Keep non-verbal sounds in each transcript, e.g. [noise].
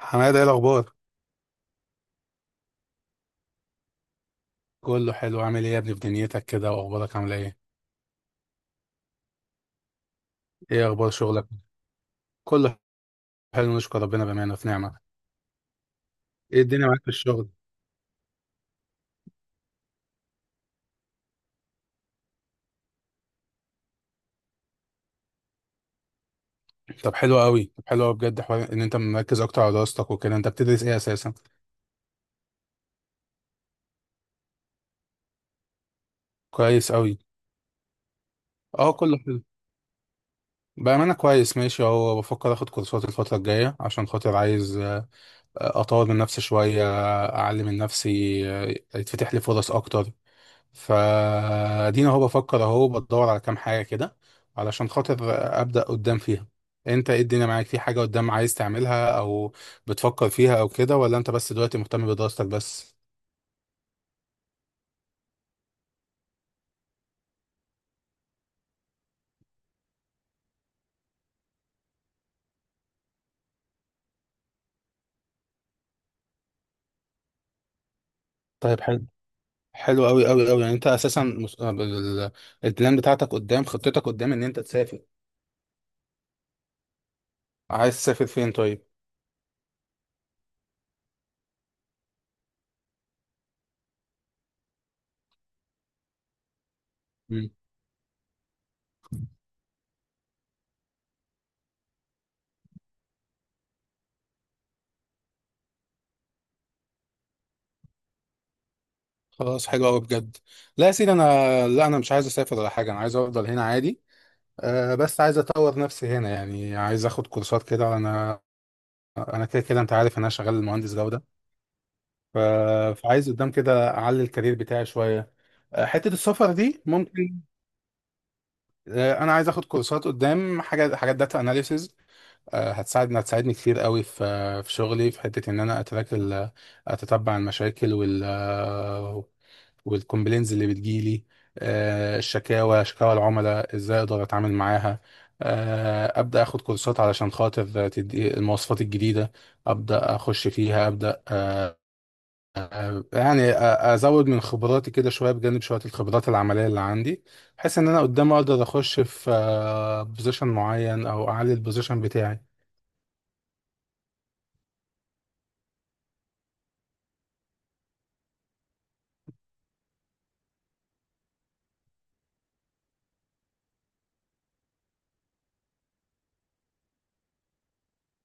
حماده، ايه الاخبار؟ كله حلو. عامل ايه يا ابني في دنيتك كده، واخبارك عامله ايه؟ ايه اخبار شغلك؟ كله حلو، نشكر ربنا، بامانه في نعمه. ايه الدنيا معاك في الشغل؟ طب حلو قوي بجد، حوار ان انت مركز اكتر على دراستك وكده. انت بتدرس ايه اساسا؟ كويس قوي. اه كله حلو، بامانه كويس، ماشي اهو. بفكر اخد كورسات الفتره الجايه عشان خاطر عايز اطور من نفسي شويه، اعلم من نفسي، آه، يتفتح لي فرص اكتر. فادينا اهو، بفكر اهو بدور على كام حاجه كده علشان خاطر ابدا قدام فيها. انت ايه الدنيا معاك؟ في حاجه قدام عايز تعملها، او بتفكر فيها، او كده؟ ولا انت بس دلوقتي مهتم بدراستك بس؟ طيب، حلو حلو قوي قوي قوي. يعني انت اساسا البلان بتاعتك قدام، خطتك قدام ان انت تسافر. عايز تسافر فين طيب؟ مم. خلاص حلو قوي بجد. لا يا سيدي، انا مش عايز اسافر ولا حاجه، انا عايز افضل هنا عادي. بس عايز اطور نفسي هنا، يعني عايز اخد كورسات كده. انا كده كده، انت عارف إن انا شغال مهندس جوده. ف... فعايز قدام كده اعلي الكارير بتاعي شويه، حته السفر دي ممكن. انا عايز اخد كورسات قدام حاجات داتا اناليسز هتساعدني كتير قوي، في شغلي، في حته ان انا اتراك اتتبع المشاكل والكومبلينز اللي بتجيلي، شكاوى العملاء ازاي اقدر اتعامل معاها. ابدا اخد كورسات علشان خاطر تدي المواصفات الجديده، ابدا اخش فيها ابدا، يعني ازود من خبراتي كده شويه بجانب شويه الخبرات العمليه اللي عندي، بحيث ان انا قدام اقدر اخش في بوزيشن معين او اعلي البوزيشن بتاعي.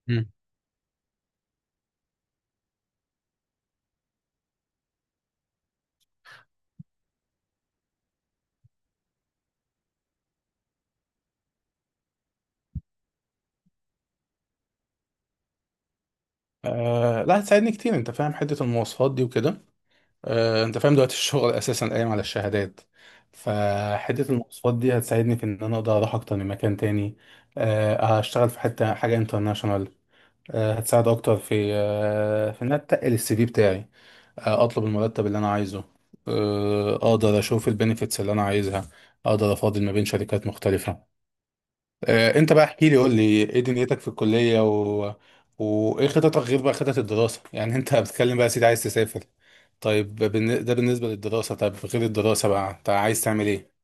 مم. أه، لا هتساعدني كتير، انت فاهم حته المواصفات دي وكده. أه، انت فاهم دلوقتي الشغل اساسا قايم على الشهادات، فحته المواصفات دي هتساعدني في ان انا اقدر اروح اكتر من مكان تاني. أه، هشتغل في حته حاجه انترناشونال، أه هتساعد اكتر في في ان انا اتقل السي في بتاعي، اطلب المرتب اللي انا عايزه، اقدر اشوف البنفيتس اللي انا عايزها، اقدر افاضل ما بين شركات مختلفة. انت بقى احكي لي، قول لي ايه دنيتك في الكلية، وايه خططك غير بقى خطط الدراسة؟ يعني انت بتتكلم بقى يا سيدي عايز تسافر، طيب، ده بالنسبة للدراسة، طب غير الدراسة بقى انت عايز تعمل ايه؟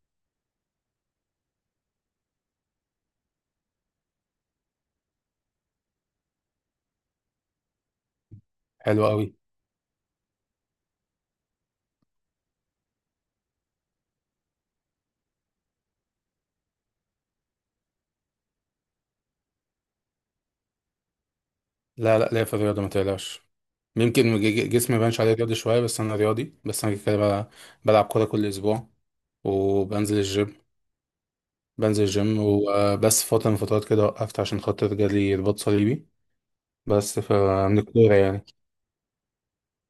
حلو قوي. لا لا، ليا في الرياضة ما تقلقش، يمكن جسمي ما يبانش عليه رياضي شوية، بس انا رياضي، بس انا كده بقى، بلعب كورة كل اسبوع وبنزل الجيم. بنزل جيم وبس فترة من فترات كده وقفت عشان خاطر جالي رباط صليبي، بس من الكورة يعني.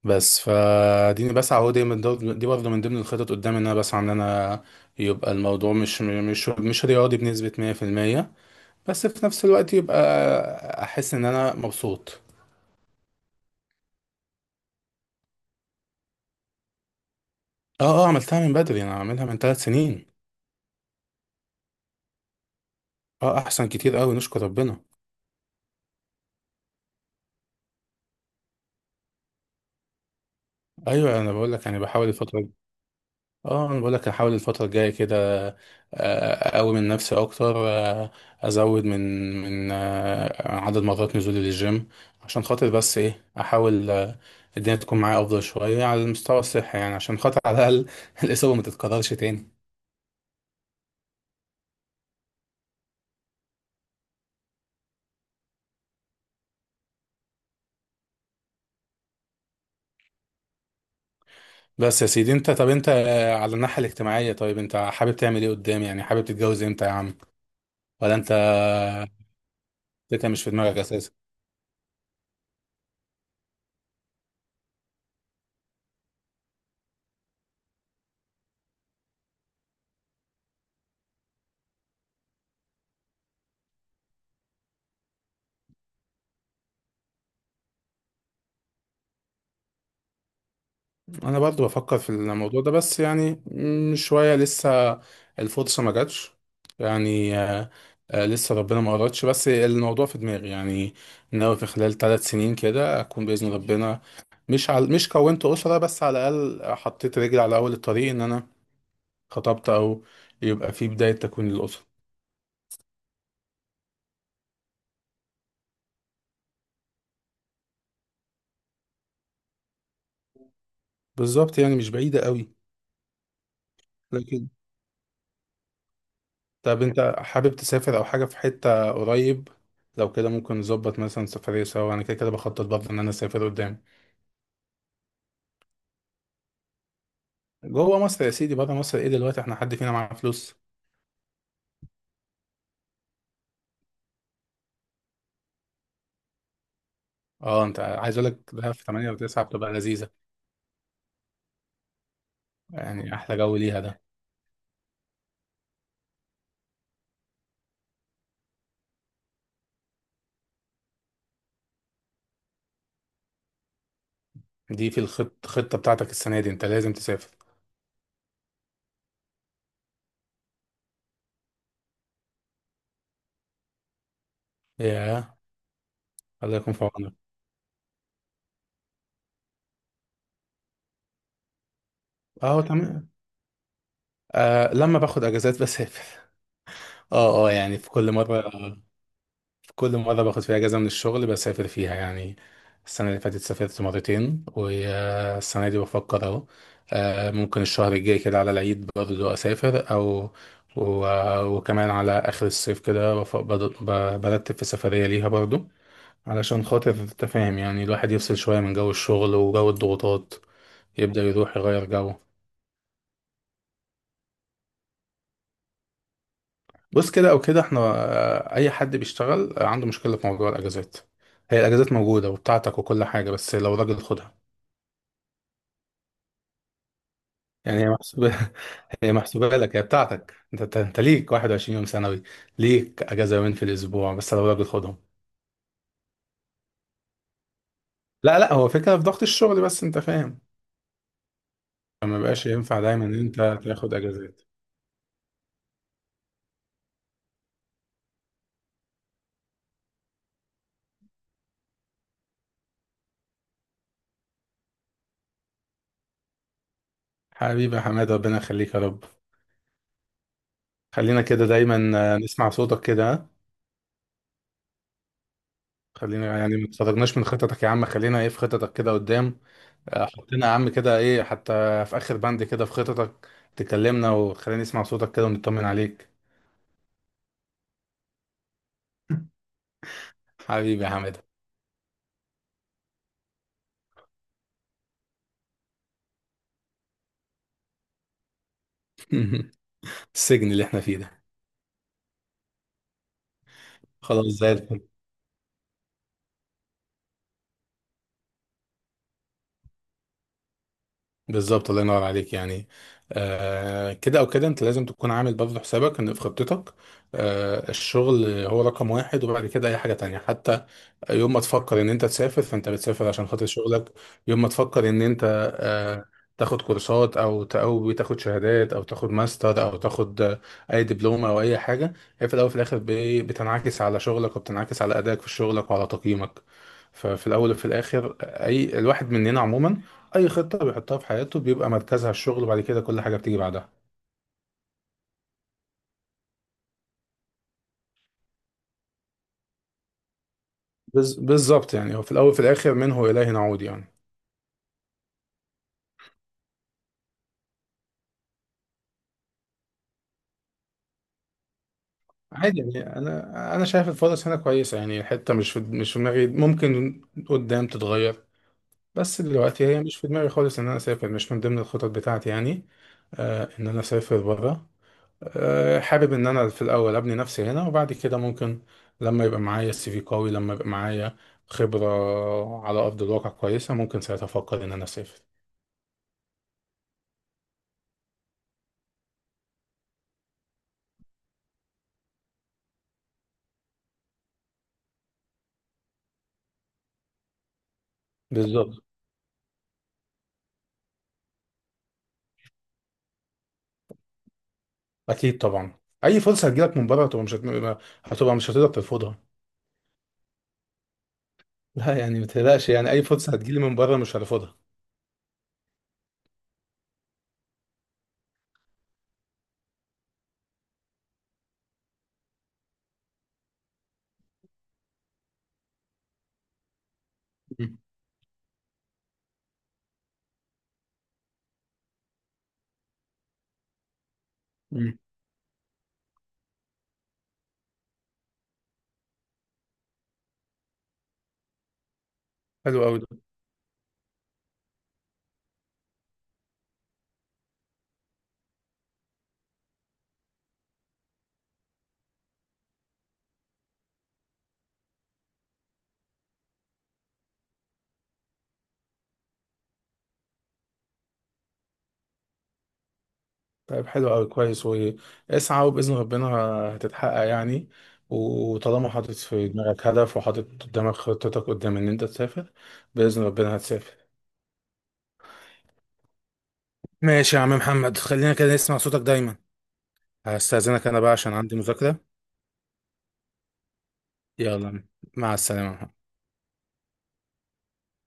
بس فاديني بسعى اهو دايما، دي برضه من ضمن الخطط قدامي، ان انا بسعى ان انا يبقى الموضوع مش رياضي بنسبة 100%، بس في نفس الوقت يبقى احس ان انا مبسوط. اه اه، عملتها من بدري، انا عاملها من 3 سنين. اه، احسن كتير قوي، نشكر ربنا. ايوه انا بقول لك يعني، بحاول الفترة. اه انا بقول لك هحاول الفتره الجايه كده اقوي من نفسي اكتر، ازود من عدد مرات نزولي للجيم عشان خاطر، بس ايه احاول، الدنيا تكون معايا افضل شويه على المستوى الصحي، يعني عشان خاطر على الاقل [laughs] الاصابه ما تتكررش تاني. بس يا سيدي انت، طب انت، على الناحيه الاجتماعيه، طيب انت حابب تعمل ايه قدام؟ يعني حابب تتجوز امتى يا عم؟ ولا انت فكره مش في دماغك اساسا؟ انا برضو بفكر في الموضوع ده، بس يعني شوية لسه، الفرصة ما جاتش يعني، لسه ربنا ما قررتش، بس الموضوع في دماغي يعني، ناوي في خلال 3 سنين كده اكون بإذن ربنا، مش كونت أسرة، بس على الأقل حطيت رجلي على أول الطريق ان انا خطبت، او يبقى في بداية تكوين الأسرة. بالظبط، يعني مش بعيدة قوي. لكن، طب انت حابب تسافر او حاجة في حتة قريب؟ لو كده ممكن نظبط مثلا سفرية سوا، انا كده كده بخطط برضه ان انا اسافر قدام. جوه مصر يا سيدي، بره مصر ايه، دلوقتي احنا حد فينا معاه فلوس؟ اه، انت عايز اقول لك ده، في 8 و9 بتبقى لذيذه، يعني احلى جو ليها ده. دي في خطه بتاعتك السنه دي، انت لازم تسافر. ياه، الله يكون في عونك. اه تمام. آه لما باخد اجازات بسافر، اه اه يعني في كل مره، كل مرة باخد فيها أجازة من الشغل بسافر فيها يعني. السنة اللي فاتت سافرت مرتين، والسنة دي بفكر أهو، ممكن الشهر الجاي كده على العيد برضه أسافر، أو وكمان على آخر الصيف كده برتب في سفرية ليها برضه، علشان خاطر تفاهم، يعني الواحد يفصل شوية من جو الشغل وجو الضغوطات، يبدأ يروح يغير جو. بص، كده أو كده احنا، أي حد بيشتغل عنده مشكلة في موضوع الأجازات، هي الأجازات موجودة وبتاعتك وكل حاجة، بس لو راجل خدها، يعني هي محسوبة. [laughs] هي محسوبة لك، هي بتاعتك انت، أنت ليك 21 يوم سنوي، ليك اجازة يومين في الاسبوع، بس لو راجل خدهم. لا لا، هو فكرة في ضغط الشغل، بس انت فاهم، فما بقاش ينفع دايما ان انت تاخد اجازات. حبيبي يا حماد، ربنا يخليك يا رب، خلينا كده دايما نسمع صوتك كده. خلينا يعني، ما تخرجناش من خططك يا عم، خلينا ايه في خططك كده قدام، حطينا يا عم كده ايه حتى في اخر بند كده في خططك، تكلمنا وخلينا نسمع صوتك كده ونطمن عليك. [laughs] حبيبي يا حماد. [laughs] السجن اللي احنا فيه ده. خلاص زي الفل. بالظبط، الله ينور عليك يعني. كده او كده انت لازم تكون عامل برضه حسابك، ان في خطتك، آه الشغل هو رقم واحد، وبعد كده اي حاجه تانية حتى، يوم ما تفكر ان انت تسافر فانت بتسافر عشان خاطر شغلك، يوم ما تفكر ان انت آه تاخد كورسات، او او تاخد شهادات، او تاخد ماستر، او تاخد اي دبلومه او اي حاجه، هي في الاول وفي الاخر بتنعكس على شغلك، وبتنعكس على ادائك في شغلك وعلى تقييمك، ففي الاول وفي الاخر، اي الواحد مننا عموما اي خطه بيحطها في حياته بيبقى مركزها الشغل، وبعد كده كل حاجه بتيجي بعدها. بالظبط، يعني هو في الاول وفي الاخر منه اليه نعود يعني. عادي، يعني انا شايف الفرص هنا كويسه، يعني الحته مش في دماغي، ممكن قدام تتغير، بس دلوقتي هي مش في دماغي خالص ان انا اسافر، مش من ضمن الخطط بتاعتي يعني، آه ان انا اسافر بره، آه حابب ان انا في الاول ابني نفسي هنا، وبعد كده ممكن لما يبقى معايا السي في قوي، لما يبقى معايا خبره على ارض الواقع كويسه، ممكن ساعتها افكر ان انا اسافر. بالظبط. اكيد طبعا، اي فرصه هتجيلك من بره، هتبقى مش هتقدر ترفضها. [laughs] لا يعني ما تقلقش، يعني اي فرصه هتجيلي من بره مش هرفضها. مم. مم. حلو قوي ده. طيب حلو قوي كويس، واسعى وباذن ربنا هتتحقق يعني، وطالما حاطط في دماغك هدف وحاطط قدامك خطتك قدام ان انت تسافر، باذن ربنا هتسافر. ماشي يا عم محمد، خلينا كده نسمع صوتك دايما. هستأذنك انا بقى عشان عندي مذاكره. يلا، مع السلامه يا محمد.